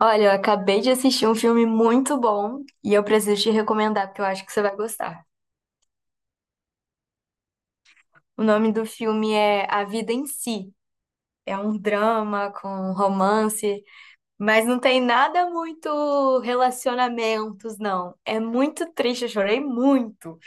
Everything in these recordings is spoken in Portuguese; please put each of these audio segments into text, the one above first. Olha, eu acabei de assistir um filme muito bom e eu preciso te recomendar porque eu acho que você vai gostar. O nome do filme é A Vida em Si. É um drama com romance, mas não tem nada muito relacionamentos, não. É muito triste, eu chorei muito.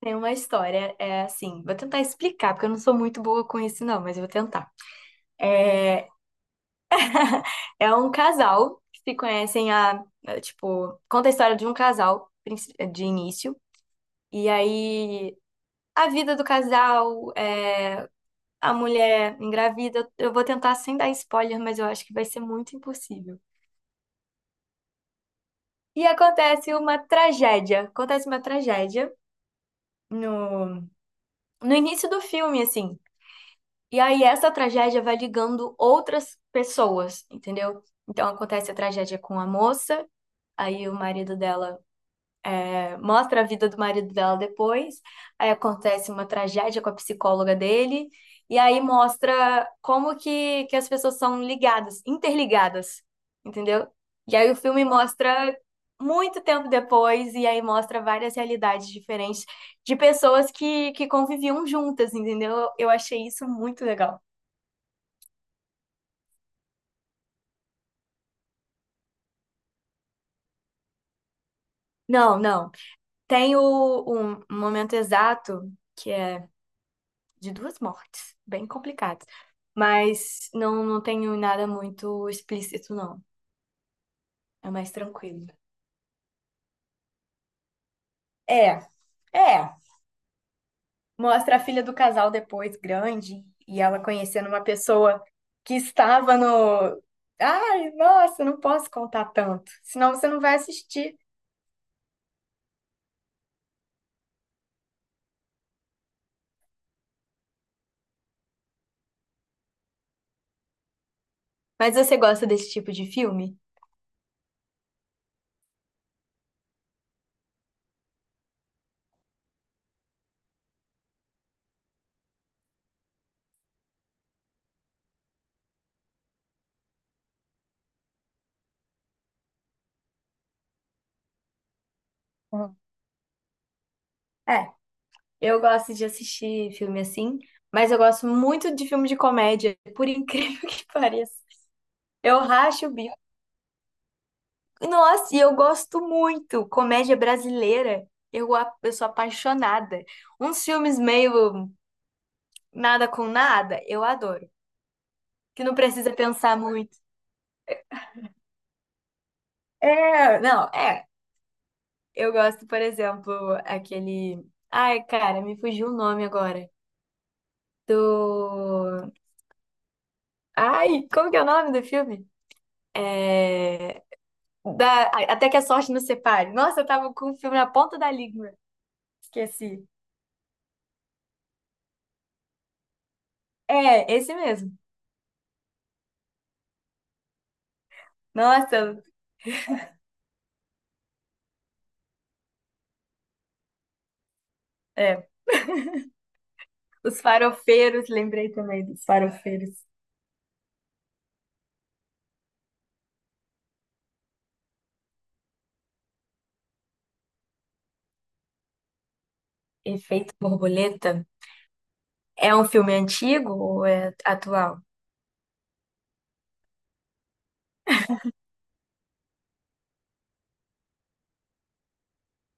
Tem uma história, é assim, vou tentar explicar, porque eu não sou muito boa com isso, não, mas eu vou tentar. É, é um casal que se conhecem a, tipo, conta a história de um casal de início. E aí a vida do casal, é, a mulher engravida. Eu vou tentar sem dar spoiler, mas eu acho que vai ser muito impossível. E acontece uma tragédia. Acontece uma tragédia no, no início do filme, assim. E aí essa tragédia vai ligando outras pessoas, entendeu? Então acontece a tragédia com a moça, aí o marido dela mostra a vida do marido dela depois, aí acontece uma tragédia com a psicóloga dele, e aí mostra como que as pessoas são ligadas, interligadas, entendeu? E aí o filme mostra muito tempo depois, e aí mostra várias realidades diferentes de pessoas que conviviam juntas, entendeu? Eu achei isso muito legal. Não, não. Tem o momento exato, que é de duas mortes, bem complicadas. Mas não, não tenho nada muito explícito, não. É mais tranquilo. É, é. Mostra a filha do casal depois, grande, e ela conhecendo uma pessoa que estava no. Ai, nossa, não posso contar tanto, senão você não vai assistir. Mas você gosta desse tipo de filme? Uhum. É, eu gosto de assistir filme assim, mas eu gosto muito de filme de comédia, por incrível que pareça. Eu racho o bico. Nossa, e eu gosto muito. Comédia brasileira, eu, eu sou apaixonada. Uns filmes meio nada com nada, eu adoro. Que não precisa pensar muito. É, não, é. Eu gosto, por exemplo, aquele. Ai, cara, me fugiu o nome agora. Do. Ai, como que é o nome do filme? É. Da... Até que a sorte nos separe. Nossa, eu tava com o filme na ponta da língua. Esqueci. É, esse mesmo. Nossa, é. Os Farofeiros, lembrei também dos Farofeiros. Efeito Borboleta. É um filme antigo ou é atual?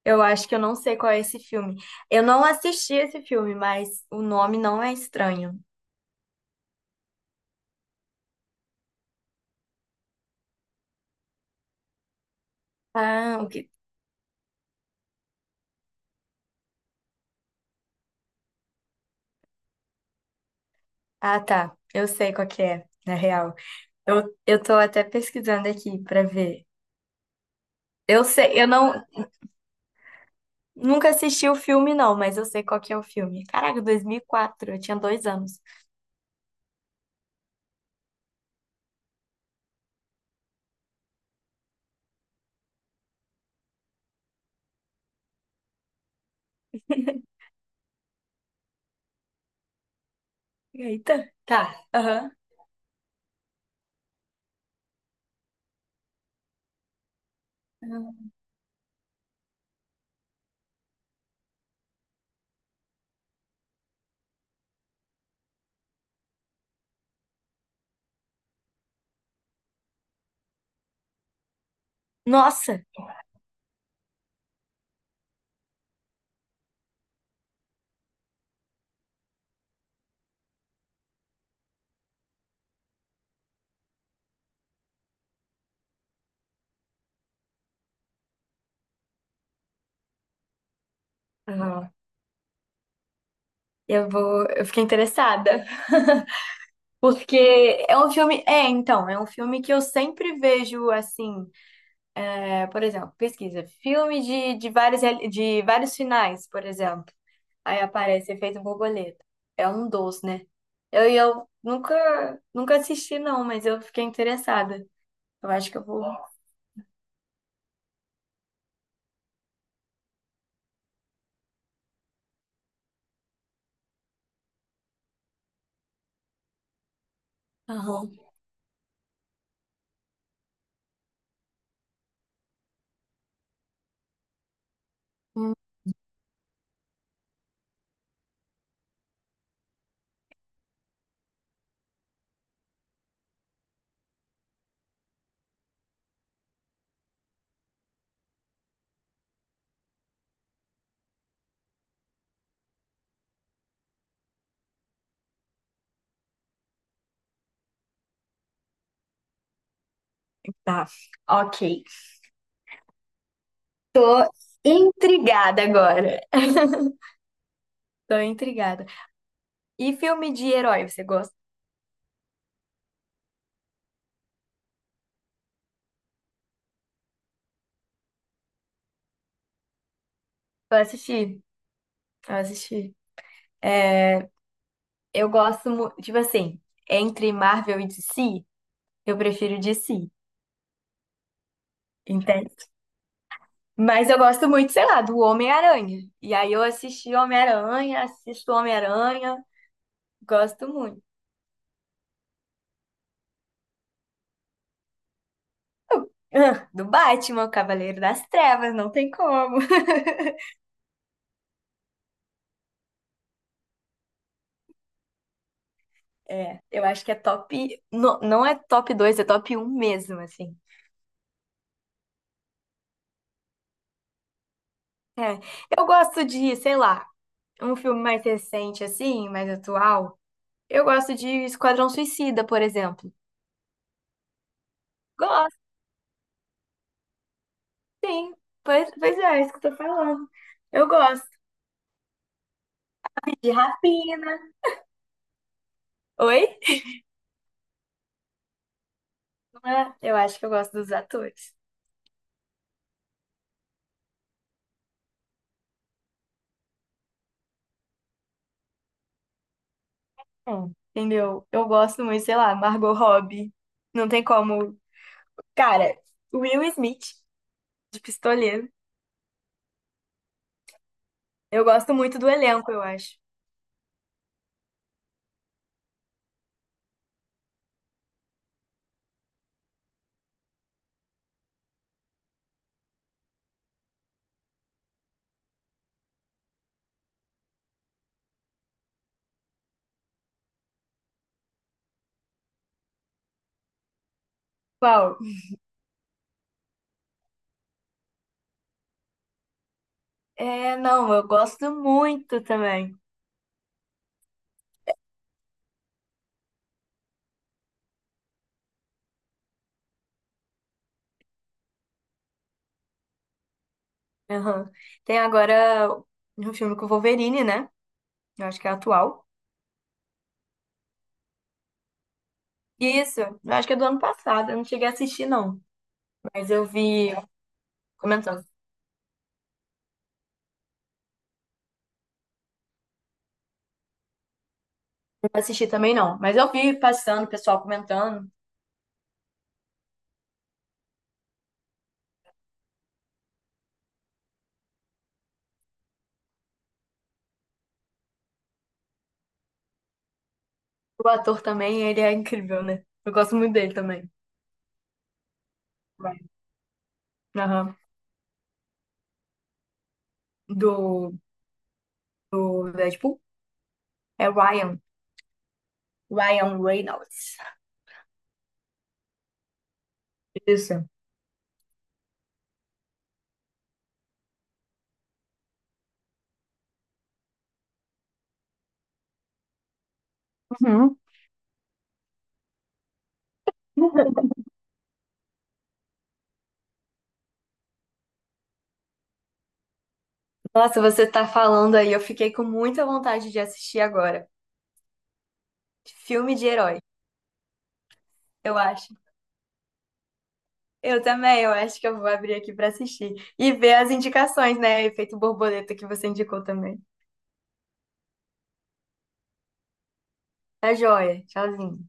Eu acho que eu não sei qual é esse filme. Eu não assisti esse filme, mas o nome não é estranho. Ah, o que... Ah, tá. Eu sei qual que é, na real. Eu tô até pesquisando aqui pra ver. Eu sei, eu nunca assisti o filme, não, mas eu sei qual que é o filme. Caraca, 2004, eu tinha dois anos. Eita. Tá. Aham. Aham. Nossa! Eu fiquei interessada, porque é um filme, é, então, é um filme que eu sempre vejo assim, é, por exemplo, pesquisa, filme de vários de vários finais, por exemplo. Aí aparece Efeito Borboleta. É um dos, né? Eu nunca assisti não, mas eu fiquei interessada. Eu acho que eu vou. Aham. Hum, tá. Ok. Tô intrigada agora. Tô intrigada. E filme de herói, você gosta? Eu assisti. Eu assisti. É, eu gosto, tipo assim, entre Marvel e DC, eu prefiro DC, entende? Mas eu gosto muito, sei lá, do Homem-Aranha. E aí eu assisti Homem-Aranha, assisto Homem-Aranha, gosto muito. Ah, do Batman, o Cavaleiro das Trevas, não tem como. É, eu acho que é top. Não, não é top dois, é top um mesmo, assim. É, eu gosto de, sei lá, um filme mais recente, assim, mais atual. Eu gosto de Esquadrão Suicida, por exemplo. Sim, pois é, é isso que eu tô falando. Eu gosto de rapina. Oi? Não é? Eu acho que eu gosto dos atores. Hum. Entendeu? Eu gosto muito, sei lá, Margot Robbie. Não tem como. Cara, Will Smith, de Pistoleiro. Eu gosto muito do elenco, eu acho. Qual? É, não, eu gosto muito também. Aham. Tem agora um filme com o Wolverine, né? Eu acho que é atual. Isso, eu acho que é do ano passado. Eu não cheguei a assistir, não. Mas eu vi comentando. Assisti também não, mas eu vi passando, o pessoal comentando. O ator também, ele é incrível, né? Eu gosto muito dele também. Ryan. Aham. Do, do Deadpool? É Ryan. Ryan Reynolds. Isso. Uhum. Nossa, você tá falando aí, eu fiquei com muita vontade de assistir agora. Filme de herói, eu acho. Eu acho que eu vou abrir aqui pra assistir. E ver as indicações, né? Efeito borboleta que você indicou também. Tá joia. Tchauzinho.